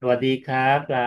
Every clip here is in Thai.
สวัสดีครับปลา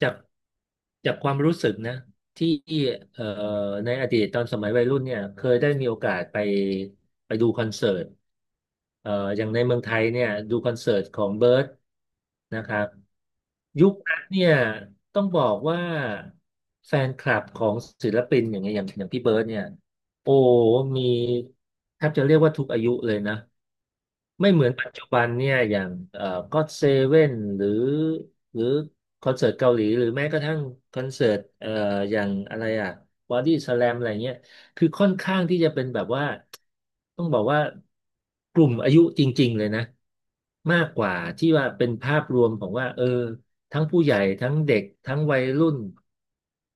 จากจากความรู้สึกนะที่เอ่อในอดีตตอนสมัยวัยรุ่นเนี่ยเคยได้มีโอกาสไปดูคอนเสิร์ตเอ่ออย่างในเมืองไทยเนี่ยดูคอนเสิร์ตของเบิร์ดนะครับยุคนั้นเนี่ยต้องบอกว่าแฟนคลับของศิลปินอย่างเงี้ยอย่างพี่เบิร์ดเนี่ยโอ้มีแทบจะเรียกว่าทุกอายุเลยนะ ไม่เหมือนปัจจุบันเนี่ยอย่างก็เซเว่นหรือหรือคอนเสิร์ตเกาหลีหรือแม้กระทั่งคอนเสิร์ตอย่างอะไรอ่ะบอดี้สแลมอะไรเงี้ยคือค่อนข้างที่จะเป็นแบบว่าต้องบอกว่ากลุ่มอายุจริงๆเลยนะมากกว่าที่ว่าเป็นภาพรวมของว่าเออทั้งผู้ใหญ่ทั้งเด็กทั้งวัยรุ่น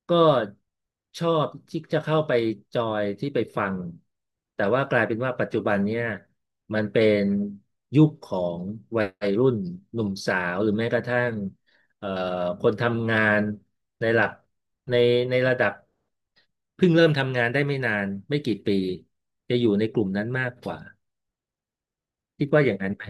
ก็ชอบที่จะเข้าไปจอยที่ไปฟังแต่ว่ากลายเป็นว่าปัจจุบันเนี่ย มันเป็นยุคของวัยรุ่นหนุ่มสาวหรือแม้กระทั่งเอ่อคนทำงานในหลักในในระดับเพิ่งเริ่มทำงานได้ไม่นานไม่กี่ปีจะอยู่ในกลุ่มนั้นมากกว่าคิดว่าอย่างนั้นไหม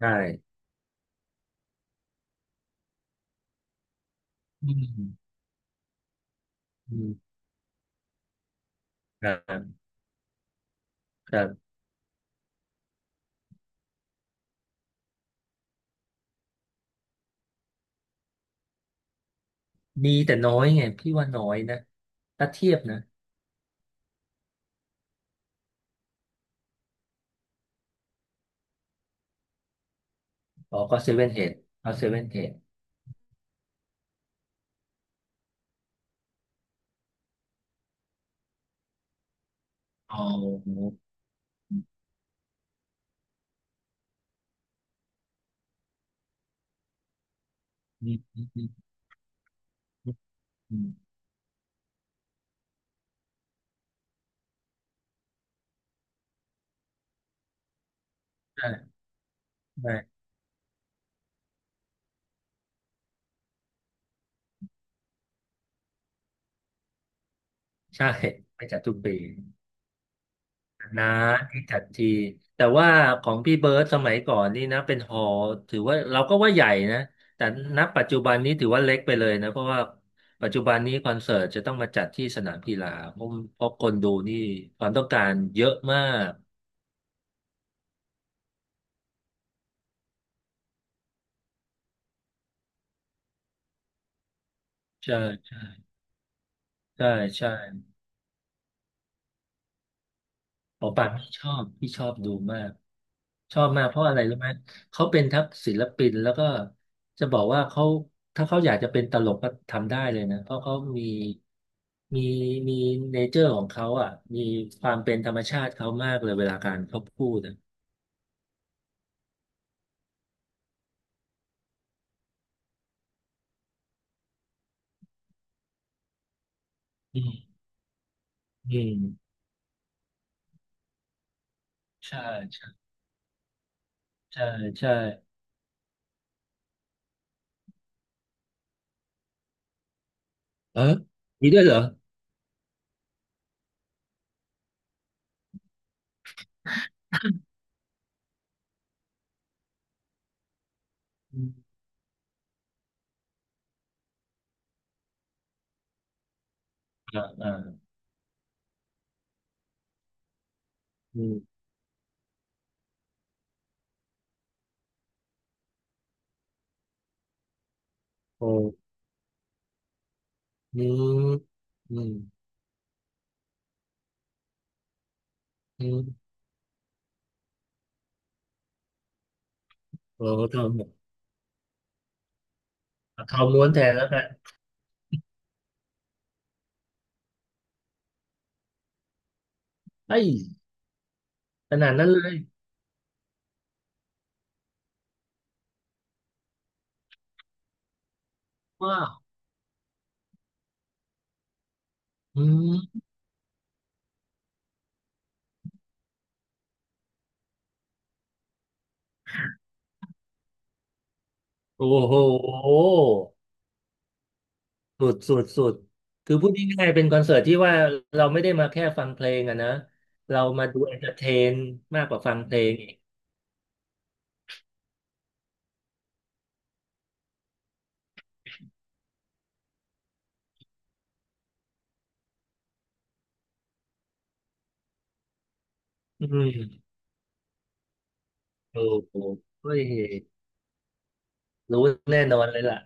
ใช่อืมอืมครับครับมีแต่น้อยไงพี่ว่าน้อยนะถ้าเทียบนะอ๋อก็เซเว่นเฮดเอาเซเว่นเฮดอ๋ออืมอืมอืมอืมใช่ใช่ใช่ไปจัดทุกปี นะที่จัดทีแต่ว่าของพี่เบิร์ดสมัยก่อนนี่นะเป็นหอถือว่าเราก็ว่าใหญ่นะแต่ณปัจจุบันนี้ถือว่าเล็กไปเลยนะเพราะว่าปัจจุบันนี้คอนเสิร์ตจะต้องมาจัดที่สนามกีฬาเพราะเพราะคนดูนี่ความต้องการเยอะมากใช่ใช่ใช่ใช่หมอปลาพี่ชอบพี่ชอบดูมาก ชอบมากเพราะอะไรรู้ไหมเขาเป็นทั้งศิลปินแล้วก็จะบอกว่าเขาถ้าเขาอยากจะเป็นตลกก็ทำได้เลยนะเพราะเขามีมีมีเนเจอร์ของเขาอ่ะมีความเป็นธรรมชาติเขามากเลยเวลาการเขาพูดอะอืมอืมใช่ใช่ใช่ใช่เออมีด้วยเหรออืมอ่าอ่าอืมโอ้อืมอืมอืมโอ้ทองทองม้วนแทนแล้วกันไอ้ยขนาดนั้นเลยว้าวอืม โอ้โหสุดสุดสุดคือพูดง่ายๆเป็นคอนเสิร์ตที่ว่าเราไม่ได้มาแค่ฟังเพลงอะนะเรามาดูเอนเตอร์เทนมากกว่าฟังเพลงอีกอืมโอ้โหเฮ้ยรู้แน่นอนเลยล่ะ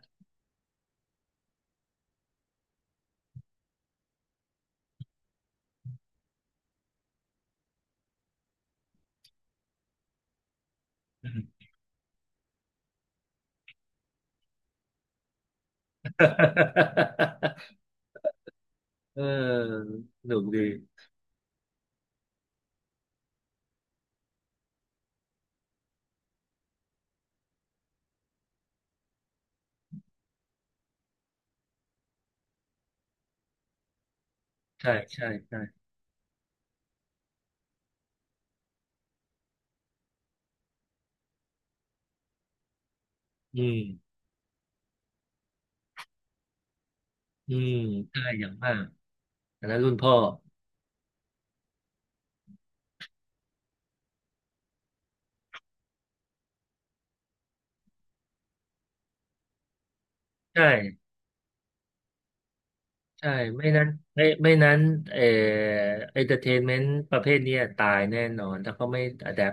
เออสนุกดีใช่ใช่ใช่อืมอืมใช่อย่างมากอันนั้นรุ่นพ่อใช่ใช่ไม่นั้นไม่นั้นเอ่อเอนเตอร์เทนเมนต์ประเภทเนี้ยตายแน่นอนถ้าเขาไม่อะแดป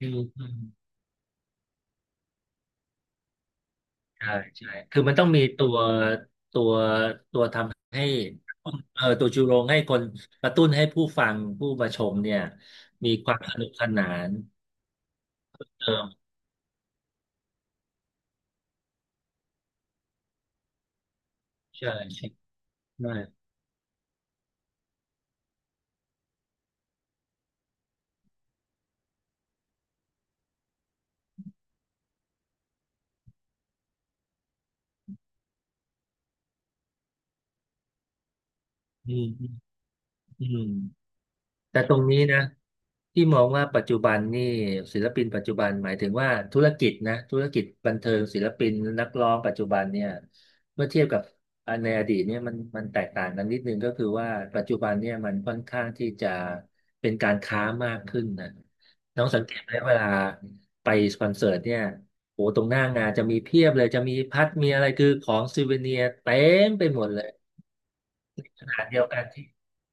อืมอืมใช่ใช่คือมันต้องมีตัวตัวตัวทำให้เออตัวจูโรงให้คนกระตุ้นให้ผู้ฟังผู้มาชมเนี่ยมีความสนุกสนานเติมใช่ใช่ใช่อืมอืมอืม แต่ตรงนี้นะที่มองว่าปัจจุบันนี่ศิลปินปัจจุบันหมายถึงว่าธุรกิจนะธุรกิจบันเทิงศิลปินนักร้องปัจจุบันเนี่ยเมื่อเทียบกับอันในอดีตเนี่ยมันมันแตกต่างกันนิดนึงก็คือว่าปัจจุบันเนี่ยมันค่อนข้างที่จะเป็นการค้ามากขึ้นนะน้องสังเกตไหมเวลาไปคอนเสิร์ตเนี่ยโอ้ตรงหน้างานจะมีเพียบเลยจะมีพัดมีอะไรคือของซูเวเนียเต็มไปหมดเลย ขณะเดียวกันที่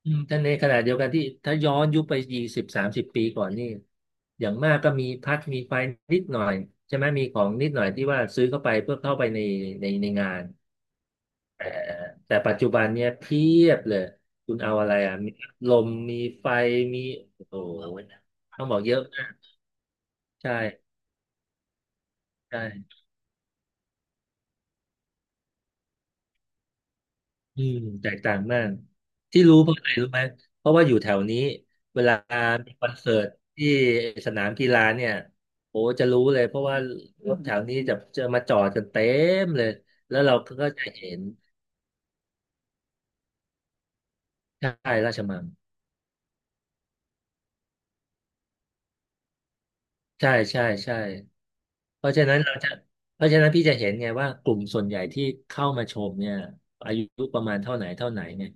อืมแต่ในขณะเดียวกันที่ถ้าย้อนยุคไป20-30 ปีก่อนนี่อย่างมากก็มีพัดมีไฟนิดหน่อยใช่ไหมมีของนิดหน่อยที่ว่าซื้อเข้าไปเพื่อเข้าไปในในงานแต่แต่ปัจจุบันเนี่ยเพียบเลยคุณเอาอะไรอ่ะมีลมมีไฟมีโอ้โหต้องบอกเยอะมากใช่ใช่ อืมแตกต่างมากที่รู้เพราะอะไรรู้ไหมเพราะว่าอยู่แถวนี้เวลามีคอนเสิร์ตที่สนามกีฬาเนี่ยโอ้จะรู้เลยเพราะว่ารถแถวนี้จะจะมาจอดกันเต็มเลยแล้วเราก็จะเห็นใช่ราชมังใช่ใช่ใช่ เพราะฉะนั้นเราจะเพราะฉะนั้นพี่จะเห็นไงว่ากลุ่มส่วนใหญ่ที่เข้ามาชมเนี่ยอายุประมาณเท่าไหนเท่าไหนเนี่ย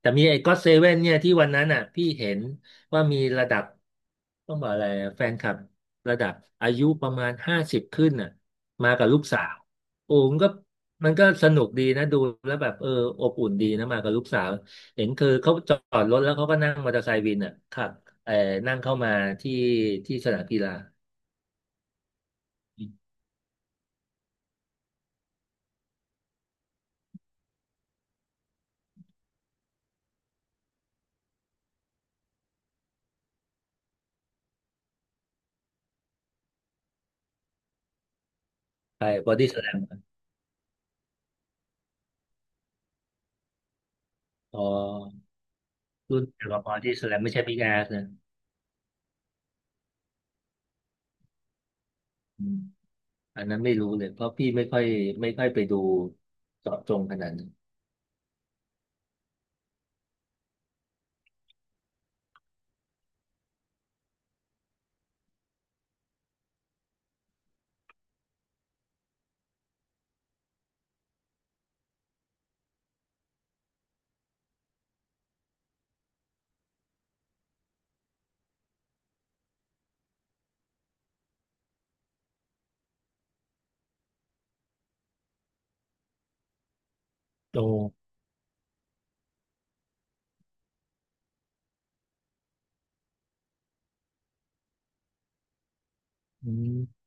แต่มีไอ้ก็อตเซเว่นเนี่ยที่วันนั้นอ่ะพี่เห็นว่ามีระดับต้องบอกอะไรอะแฟนคลับระดับอายุประมาณ50ขึ้นน่ะมากับลูกสาวโอ้มันก็มันก็สนุกดีนะดูแล้วแบบเอออบอุ่นดีนะมากับลูกสาวเห็นคือเขาจอดรถแล้วเขาก็นั่งมอเตอร์ไซค์วินอ่ะขับเออนั่งเข้ามาที่ที่สนามกีฬาไปบอดี้สแลม อ๋อรุ่นเกียวกับ b ที่แส a มไม่ใช่บิ๊กแอสนะอืมอันนั้นไม่รู้เลยเพราะพี่ไม่ค่อยไม่ค่อยไปดูเจาะจงขนาดนั้นโตอืม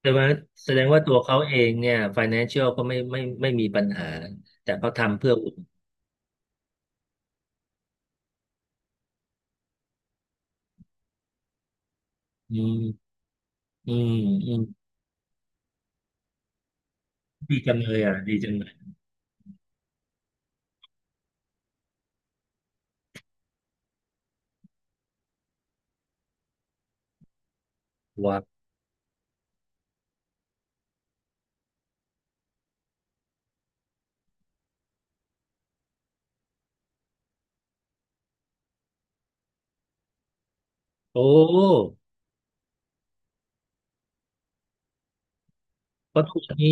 แต่ว่าแสดงว่าตัวเขาเองเนี่ย financial ก็ไม่ไม่มีปัญหาแต่เขาทำเพื่ออุ่นอืมอืมอืมดีจังเลยอ่ะดีจังเลยว้าวโอ้เพราะทุกวันนี้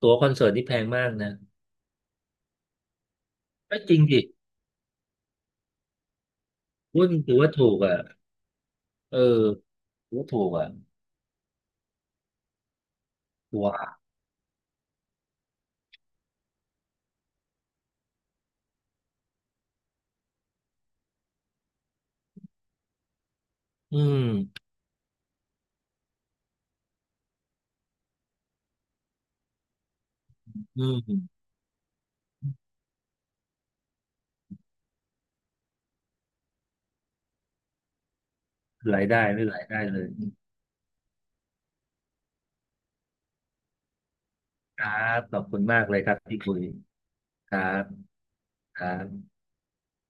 ตั๋วคอนเสิร์ตนี่แพงมากนะไม่จริงดิรุ่นถือว่าถูกอ่ะเออถือว่าถูกอ่ะว้าวอืมอืม รายได้ไม่รายได้เลยครับขอบคุณมากเลยครับที่คุยครับครับ